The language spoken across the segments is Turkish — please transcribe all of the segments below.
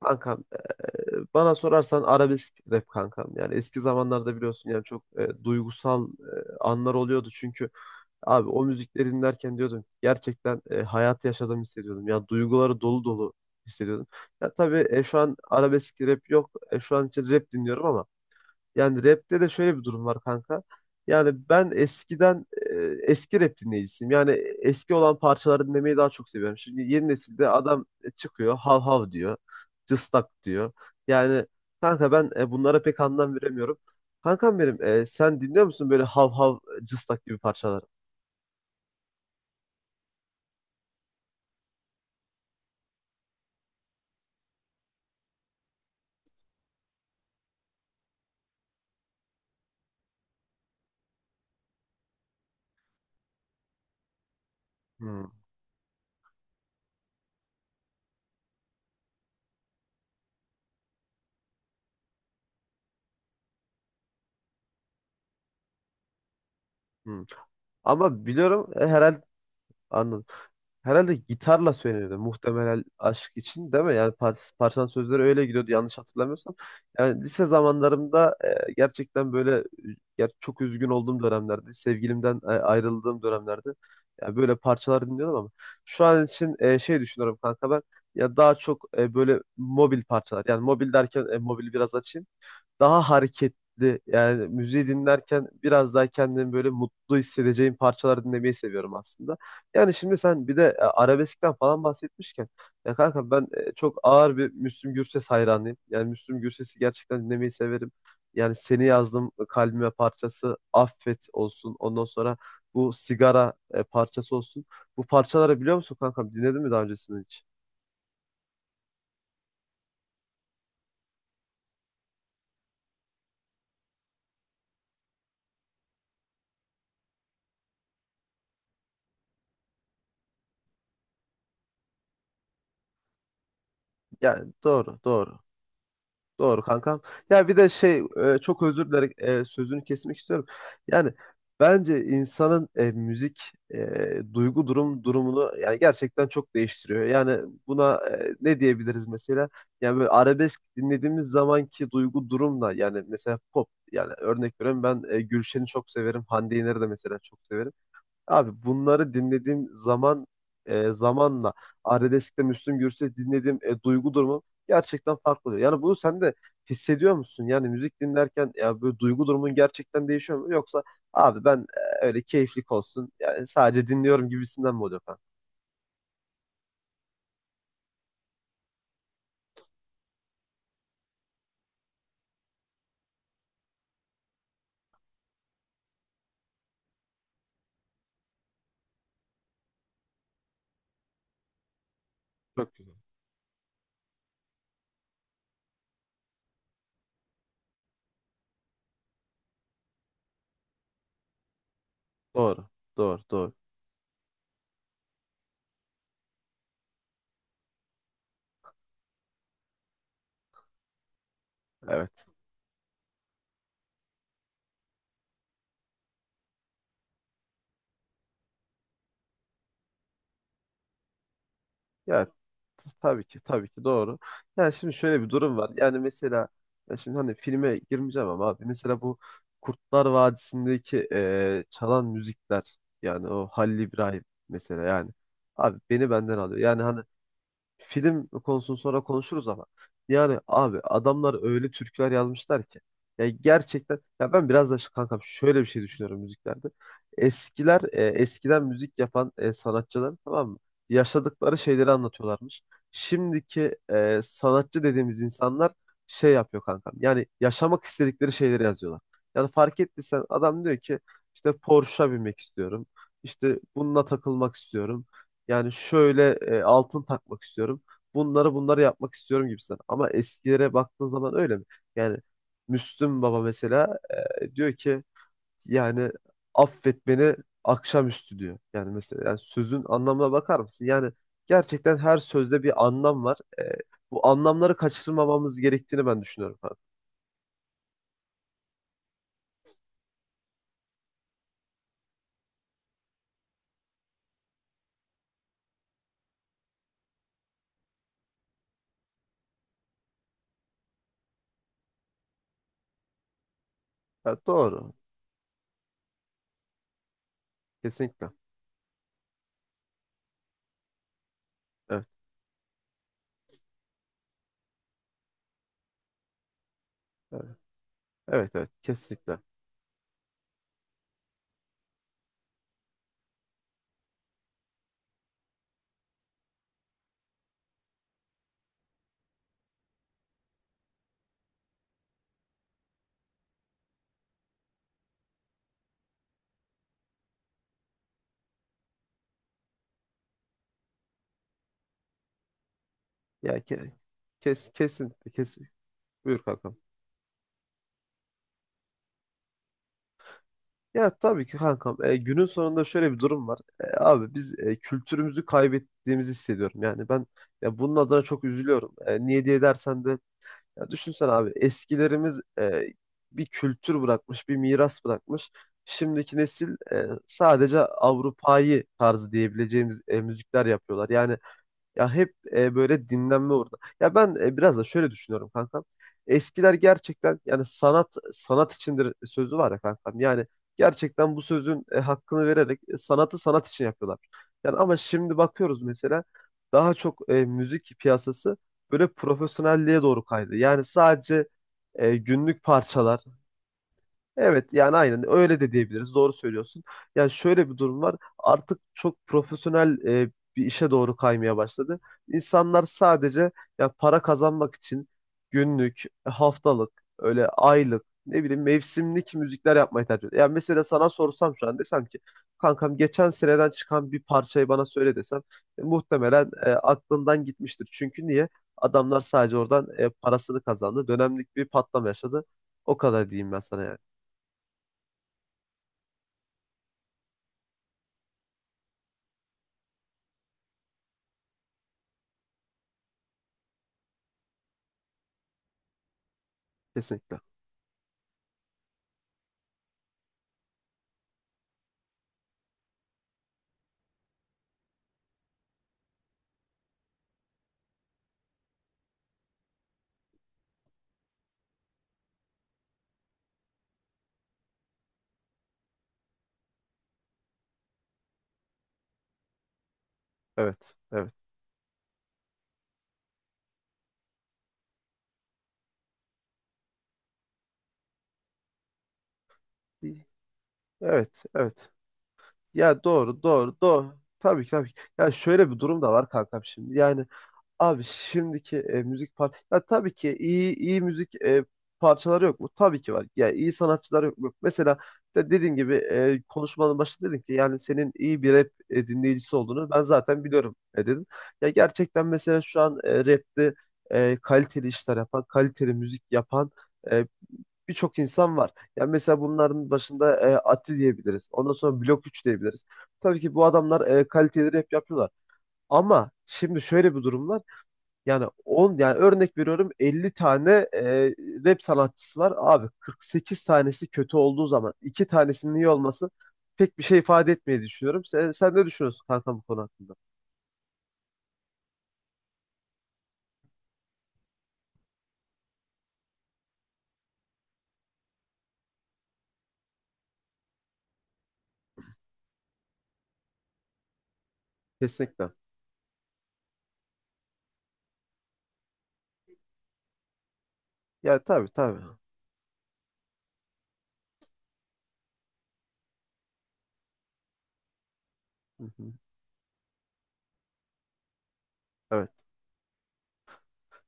Kankam, e, bana sorarsan arabesk rap kankam. Yani eski zamanlarda biliyorsun, yani çok duygusal anlar oluyordu. Çünkü abi o müzikleri dinlerken diyordum ki, gerçekten hayatı yaşadığımı hissediyordum. Ya duyguları dolu dolu hissediyordum. Ya tabii, şu an arabesk rap yok. Şu an için rap dinliyorum ama yani rapte de şöyle bir durum var, kanka. Yani ben eskiden e, eski rap dinleyicisiyim. Yani eski olan parçaları dinlemeyi daha çok seviyorum. Şimdi yeni nesilde adam çıkıyor, hav hav diyor. Cıstak diyor. Yani kanka, ben bunlara pek anlam veremiyorum. Kankam benim, sen dinliyor musun böyle hav hav, cıstak gibi parçaları? Hmm, hmm. Ama biliyorum, herhalde anladım. Herhalde gitarla söyleniyordu, muhtemelen aşk için, değil mi? Yani parçanın sözleri öyle gidiyordu yanlış hatırlamıyorsam. Yani lise zamanlarımda gerçekten böyle, çok üzgün olduğum dönemlerde, sevgilimden ayrıldığım dönemlerde yani böyle parçalar dinliyordum, ama şu an için şey düşünüyorum kanka, ben ya daha çok böyle mobil parçalar. Yani mobil derken mobil biraz açayım, daha hareketli yani, müziği dinlerken biraz daha kendimi böyle mutlu hissedeceğim parçalar dinlemeyi seviyorum aslında. Yani şimdi sen bir de arabeskten falan bahsetmişken, ya kanka ben çok ağır bir Müslüm Gürses hayranıyım. Yani Müslüm Gürses'i gerçekten dinlemeyi severim. Yani seni yazdım kalbime parçası Affet olsun. Ondan sonra bu sigara parçası olsun. Bu parçaları biliyor musun kankam? Dinledin mi daha öncesinde hiç? Yani doğru, doğru. Doğru kankam. Ya bir de şey, çok özür dilerim, sözünü kesmek istiyorum. Yani bence insanın müzik duygu durumunu yani gerçekten çok değiştiriyor. Yani buna ne diyebiliriz mesela? Yani böyle arabesk dinlediğimiz zamanki duygu durumla yani, mesela pop, yani örnek veriyorum, ben Gülşen'i çok severim. Hande Yener'i de mesela çok severim. Abi bunları dinlediğim zaman zamanla Arabesk'te Müslüm Gürses dinlediğim duygu durumum gerçekten farklı oluyor. Yani bunu sen de hissediyor musun? Yani müzik dinlerken ya böyle duygu durumun gerçekten değişiyor mu? Yoksa abi ben öyle keyiflik olsun yani, sadece dinliyorum gibisinden mi oluyor falan? Çok güzel. Doğru, doğru, doğru. Evet. Ya tabii ki, tabii ki doğru. Yani şimdi şöyle bir durum var. Yani mesela ya şimdi, hani filme girmeyeceğim ama abi mesela bu Kurtlar Vadisi'ndeki çalan müzikler, yani o Halil İbrahim mesela, yani abi beni benden alıyor. Yani hani film konusunu sonra konuşuruz ama yani abi adamlar öyle türküler yazmışlar ki, ya gerçekten, ya ben biraz da kankam şöyle bir şey düşünüyorum müziklerde. Eskiler, eskiden müzik yapan sanatçılar, tamam mı? Yaşadıkları şeyleri anlatıyorlarmış. Şimdiki sanatçı dediğimiz insanlar şey yapıyor kankam. Yani yaşamak istedikleri şeyleri yazıyorlar. Yani fark ettiysen adam diyor ki, işte Porsche'a binmek istiyorum. İşte bununla takılmak istiyorum. Yani şöyle, altın takmak istiyorum. Bunları bunları yapmak istiyorum gibisinden. Ama eskilere baktığın zaman öyle mi? Yani Müslüm Baba mesela diyor ki, yani affet beni akşamüstü diyor. Yani mesela yani sözün anlamına bakar mısın? Yani gerçekten her sözde bir anlam var. Bu anlamları kaçırmamamız gerektiğini ben düşünüyorum. Ha, ha, doğru. Kesinlikle. Evet, evet, evet, evet, kesinlikle. Ya kesin kes buyur kankam. Ya tabii ki kankam, günün sonunda şöyle bir durum var. Abi biz kültürümüzü kaybettiğimizi hissediyorum. Yani ben ya bunun adına çok üzülüyorum. Niye diye dersen de ya düşünsene abi, eskilerimiz bir kültür bırakmış, bir miras bırakmış. Şimdiki nesil sadece Avrupa'yı tarzı diyebileceğimiz müzikler yapıyorlar. Yani ya hep böyle dinlenme orada. Ya ben biraz da şöyle düşünüyorum kankam. Eskiler gerçekten yani sanat sanat içindir sözü var ya kankam. Yani gerçekten bu sözün hakkını vererek sanatı sanat için yapıyorlar. Yani ama şimdi bakıyoruz, mesela daha çok müzik piyasası böyle profesyonelliğe doğru kaydı. Yani sadece günlük parçalar. Evet yani aynen öyle de diyebiliriz. Doğru söylüyorsun. Yani şöyle bir durum var. Artık çok profesyonel bir işe doğru kaymaya başladı. İnsanlar sadece ya para kazanmak için günlük, haftalık, öyle aylık, ne bileyim mevsimlik müzikler yapmayı tercih ediyor. Yani mesela sana sorsam şu an, desem ki kankam geçen seneden çıkan bir parçayı bana söyle desem, muhtemelen aklından gitmiştir. Çünkü niye? Adamlar sadece oradan parasını kazandı. Dönemlik bir patlama yaşadı. O kadar diyeyim ben sana yani. Kesinlikle. Evet, evet. Evet, evet. Ya doğru, doğru, doğru. Tabii ki, tabii ki. Ya şöyle bir durum da var kankam şimdi. Yani abi şimdiki müzik ya tabii ki iyi iyi müzik parçaları yok mu? Tabii ki var. Ya iyi sanatçılar yok mu? Mesela de dediğim gibi konuşmanın başında dedin ki, yani senin iyi bir rap dinleyicisi olduğunu ben zaten biliyorum, dedin. Ya gerçekten mesela şu an rapte kaliteli işler yapan, kaliteli müzik yapan e, birçok insan var. Yani mesela bunların başında Atti diyebiliriz. Ondan sonra Blok 3 diyebiliriz. Tabii ki bu adamlar kaliteli rap yapıyorlar. Ama şimdi şöyle bir durum var. Yani 10, yani örnek veriyorum, 50 tane rap sanatçısı var. Abi 48 tanesi kötü olduğu zaman 2 tanesinin iyi olması pek bir şey ifade etmeyi düşünüyorum. Sen, sen ne düşünüyorsun kanka bu konu hakkında? Kesinlikle. Ya tabii tabii. Hı hı. Evet.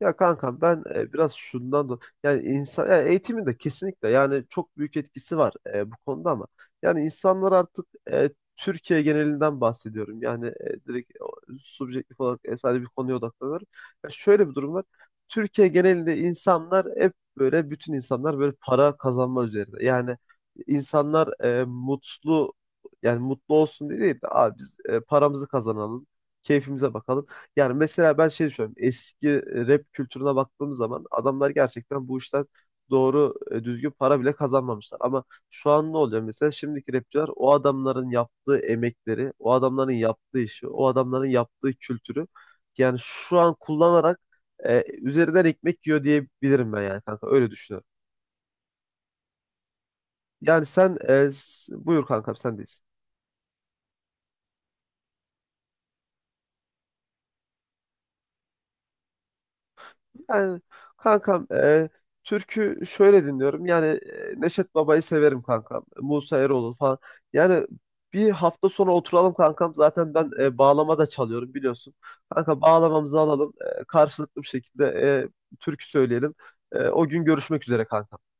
Ya kankam ben biraz şundan da yani insan, ya eğitimin de kesinlikle yani çok büyük etkisi var bu konuda, ama yani insanlar artık e, Türkiye genelinden bahsediyorum. Yani direkt o, subjektif olarak sadece bir konuya odaklanıyorum. Ya şöyle bir durum var. Türkiye genelinde insanlar hep böyle, bütün insanlar böyle para kazanma üzerine. Yani insanlar mutlu, yani mutlu olsun diye değil de abi biz paramızı kazanalım, keyfimize bakalım. Yani mesela ben şey düşünüyorum. Eski rap kültürüne baktığım zaman adamlar gerçekten bu işten doğru düzgün para bile kazanmamışlar. Ama şu an ne oluyor mesela? Şimdiki rapçiler o adamların yaptığı emekleri, o adamların yaptığı işi, o adamların yaptığı kültürü yani şu an kullanarak üzerinden ekmek yiyor diyebilirim ben yani kanka. Öyle düşünüyorum. Yani sen buyur kankam sen. Yani kankam, türkü şöyle dinliyorum. Yani Neşet Baba'yı severim kankam. Musa Eroğlu falan. Yani bir hafta sonra oturalım kankam. Zaten ben bağlama da çalıyorum biliyorsun. Kanka bağlamamızı alalım, karşılıklı bir şekilde türkü söyleyelim. O gün görüşmek üzere kanka.